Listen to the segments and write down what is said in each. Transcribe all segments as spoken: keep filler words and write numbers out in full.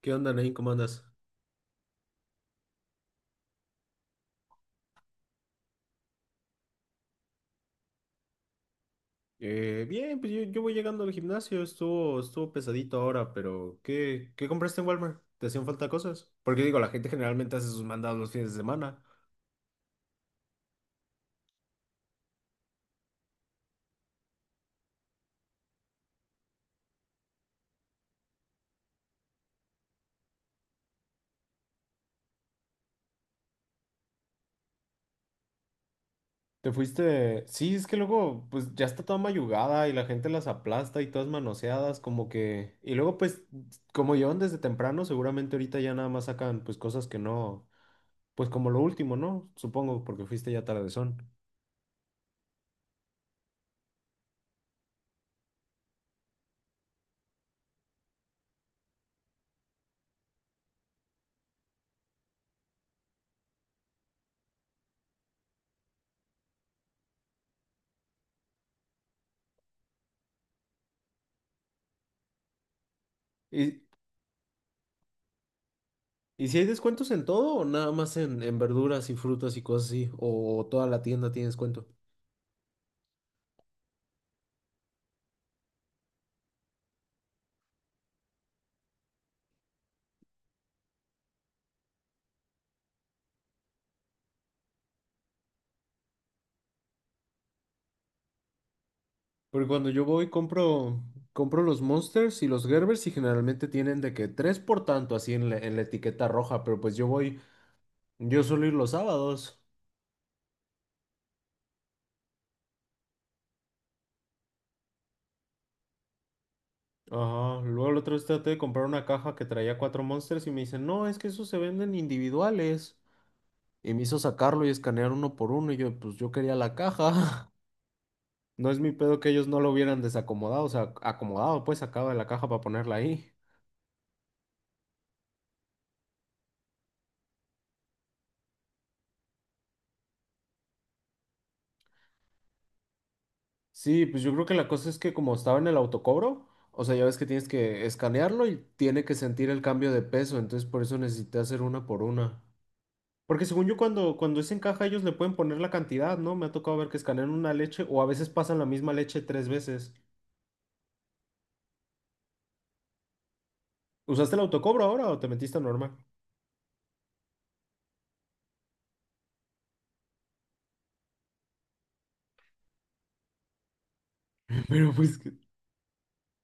¿Qué onda, Nain? ¿Cómo andas? Eh, bien, pues yo, yo voy llegando al gimnasio, estuvo, estuvo pesadito ahora, pero ¿qué, qué compraste en Walmart? ¿Te hacían falta cosas? Porque digo, la gente generalmente hace sus mandados los fines de semana. ¿Te fuiste? Sí, es que luego, pues ya está toda mayugada y la gente las aplasta y todas manoseadas, como que... Y luego, pues, como llevan desde temprano, seguramente ahorita ya nada más sacan, pues, cosas que no... Pues como lo último, ¿no? Supongo, porque fuiste ya tardezón. ¿Y, ¿Y si hay descuentos en todo o nada más en, en verduras y frutas y cosas así? ¿O toda la tienda tiene descuento? Porque cuando yo voy compro, compro los Monsters y los Gerbers y generalmente tienen de que tres por tanto así en la, en la etiqueta roja, pero pues yo voy, yo suelo ir los sábados. Ajá, luego la otra vez traté de comprar una caja que traía cuatro Monsters y me dicen, no, es que esos se venden individuales. Y me hizo sacarlo y escanear uno por uno y yo, pues yo quería la caja. No es mi pedo que ellos no lo hubieran desacomodado, o sea, acomodado, pues sacado de la caja para ponerla ahí. Sí, pues yo creo que la cosa es que como estaba en el autocobro, o sea, ya ves que tienes que escanearlo y tiene que sentir el cambio de peso, entonces por eso necesité hacer una por una. Porque según yo cuando, cuando es en caja ellos le pueden poner la cantidad, ¿no? Me ha tocado ver que escanean una leche o a veces pasan la misma leche tres veces. ¿Usaste el autocobro ahora o te metiste a normal? Pero pues, ¿qué,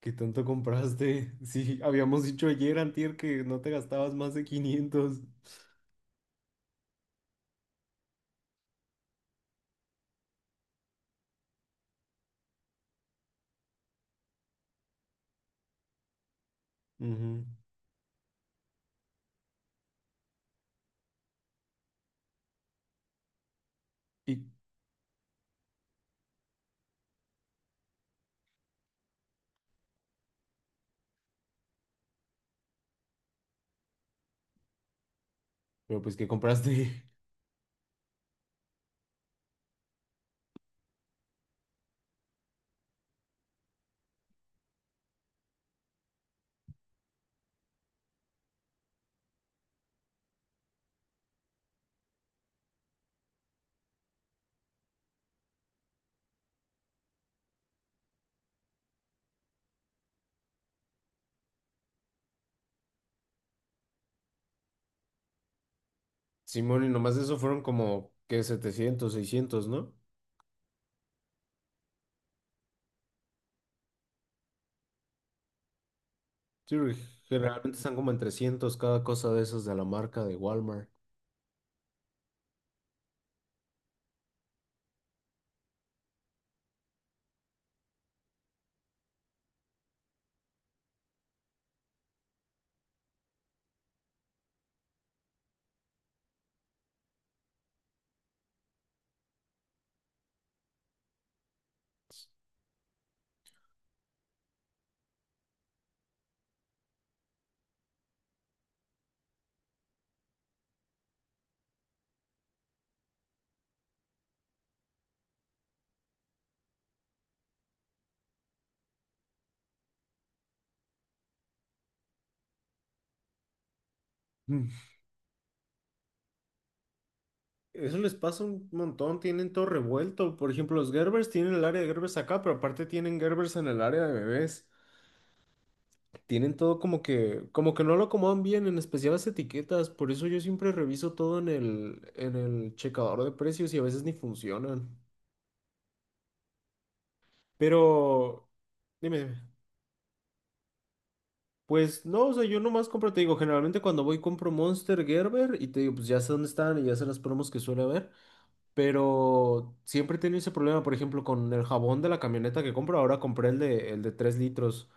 qué tanto compraste? Sí, habíamos dicho ayer, antier, que no te gastabas más de quinientos. Ujú. Y, pero pues que compraste. Simón, y nomás de eso fueron como que setecientos seiscientos, ¿no? Sí, güey, generalmente están como en trescientos cada cosa de esas de la marca de Walmart. Mm. Eso les pasa un montón, tienen todo revuelto. Por ejemplo, los Gerbers tienen el área de Gerbers acá, pero aparte tienen Gerbers en el área de bebés. Tienen todo como que, como que no lo acomodan bien, en especial las etiquetas. Por eso yo siempre reviso todo en el, en el checador de precios y a veces ni funcionan. Pero, dime, dime. Pues no, o sea, yo nomás compro, te digo, generalmente cuando voy compro Monster, Gerber y te digo, pues ya sé dónde están y ya sé las promos que suele haber, pero siempre he tenido ese problema, por ejemplo, con el jabón de la camioneta que compro, ahora compré el de, el de tres litros,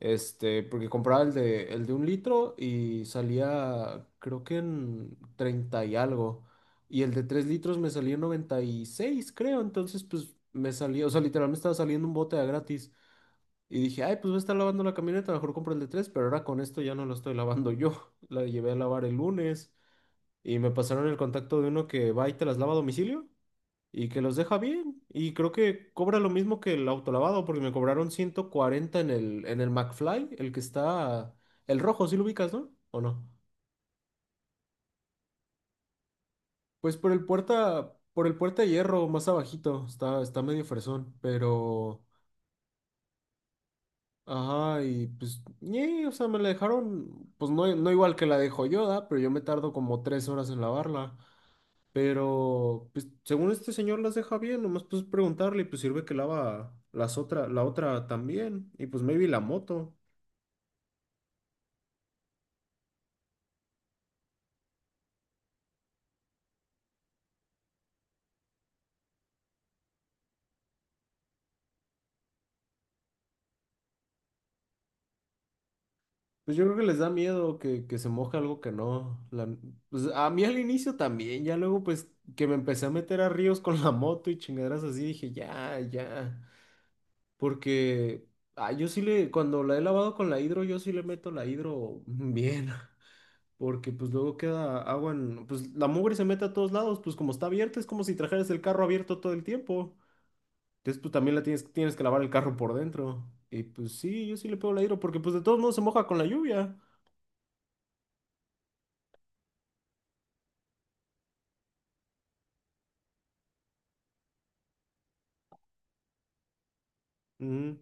este, porque compraba el de, el de un litro y salía, creo que en treinta y algo, y el de tres litros me salía en noventa y seis, creo, entonces pues me salía, o sea, literal me estaba saliendo un bote a gratis. Y dije, ay, pues voy a estar lavando la camioneta, mejor compro el de tres, pero ahora con esto ya no la estoy lavando yo. La llevé a lavar el lunes y me pasaron el contacto de uno que va y te las lava a domicilio y que los deja bien. Y creo que cobra lo mismo que el autolavado porque me cobraron ciento cuarenta en el, en el, McFly, el que está, el rojo, si lo ubicas, ¿no? ¿O no? Pues por el puerta, por el puerta de hierro, más abajito, está, está medio fresón, pero... Ajá, y pues, ñe, o sea, me la dejaron, pues no, no igual que la de Joyoda, pero yo me tardo como tres horas en lavarla. Pero, pues, según este señor las deja bien, nomás pues preguntarle y pues sirve que lava las otra, la otra también. Y pues maybe la moto. Pues yo creo que les da miedo que, que se moje algo que no. La- pues a mí al inicio también, ya luego pues que me empecé a meter a ríos con la moto y chingaderas así, dije, ya, ya. Porque ah, yo sí le, cuando la he lavado con la hidro, yo sí le meto la hidro bien. Porque pues luego queda agua en, pues la mugre se mete a todos lados, pues como está abierta, es como si trajeras el carro abierto todo el tiempo. Entonces pues también la tienes, tienes que lavar el carro por dentro. Y pues sí, yo sí le pego la hidro, porque pues de todos modos se moja con la lluvia. Ujú.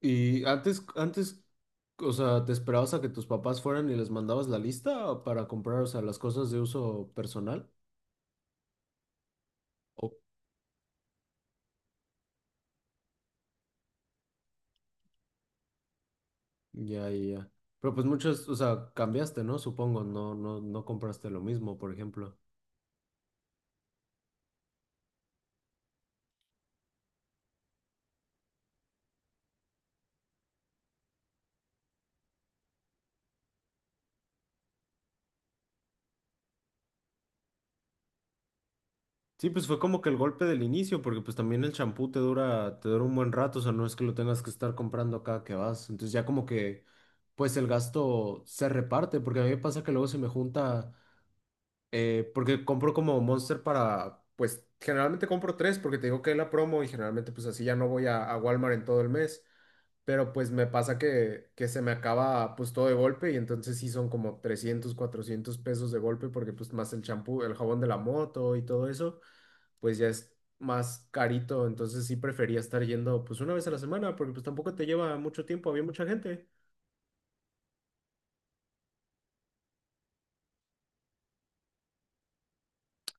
Y antes, antes, o sea, ¿te esperabas a que tus papás fueran y les mandabas la lista para comprar, o sea, las cosas de uso personal? Ya, ya, ya. Pero pues muchos, o sea, cambiaste, ¿no? Supongo, no, no, no compraste lo mismo, por ejemplo. Sí, pues fue como que el golpe del inicio, porque pues también el champú te dura, te dura un buen rato, o sea, no es que lo tengas que estar comprando cada que vas. Entonces ya como que, pues el gasto se reparte, porque a mí me pasa que luego se me junta. Eh, porque compro como Monster para, pues generalmente compro tres porque te digo que es la promo y generalmente pues así ya no voy a, a Walmart en todo el mes, pero pues me pasa que, que se me acaba pues todo de golpe y entonces sí son como trescientos, cuatrocientos pesos de golpe porque pues más el champú, el jabón de la moto y todo eso, pues ya es más carito, entonces sí prefería estar yendo pues una vez a la semana porque pues tampoco te lleva mucho tiempo, había mucha gente.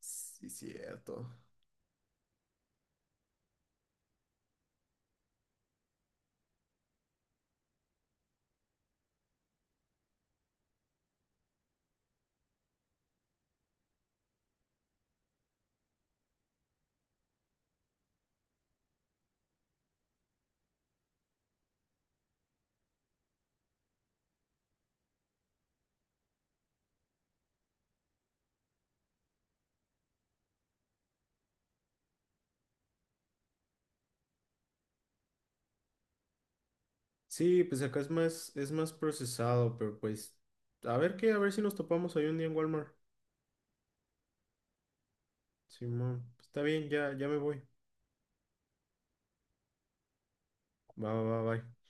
Sí, cierto. Sí, pues acá es más, es más procesado, pero pues a ver qué, a ver si nos topamos ahí un día en Walmart. Simón, pues, está bien, ya, ya me voy. Va, va, va, bye.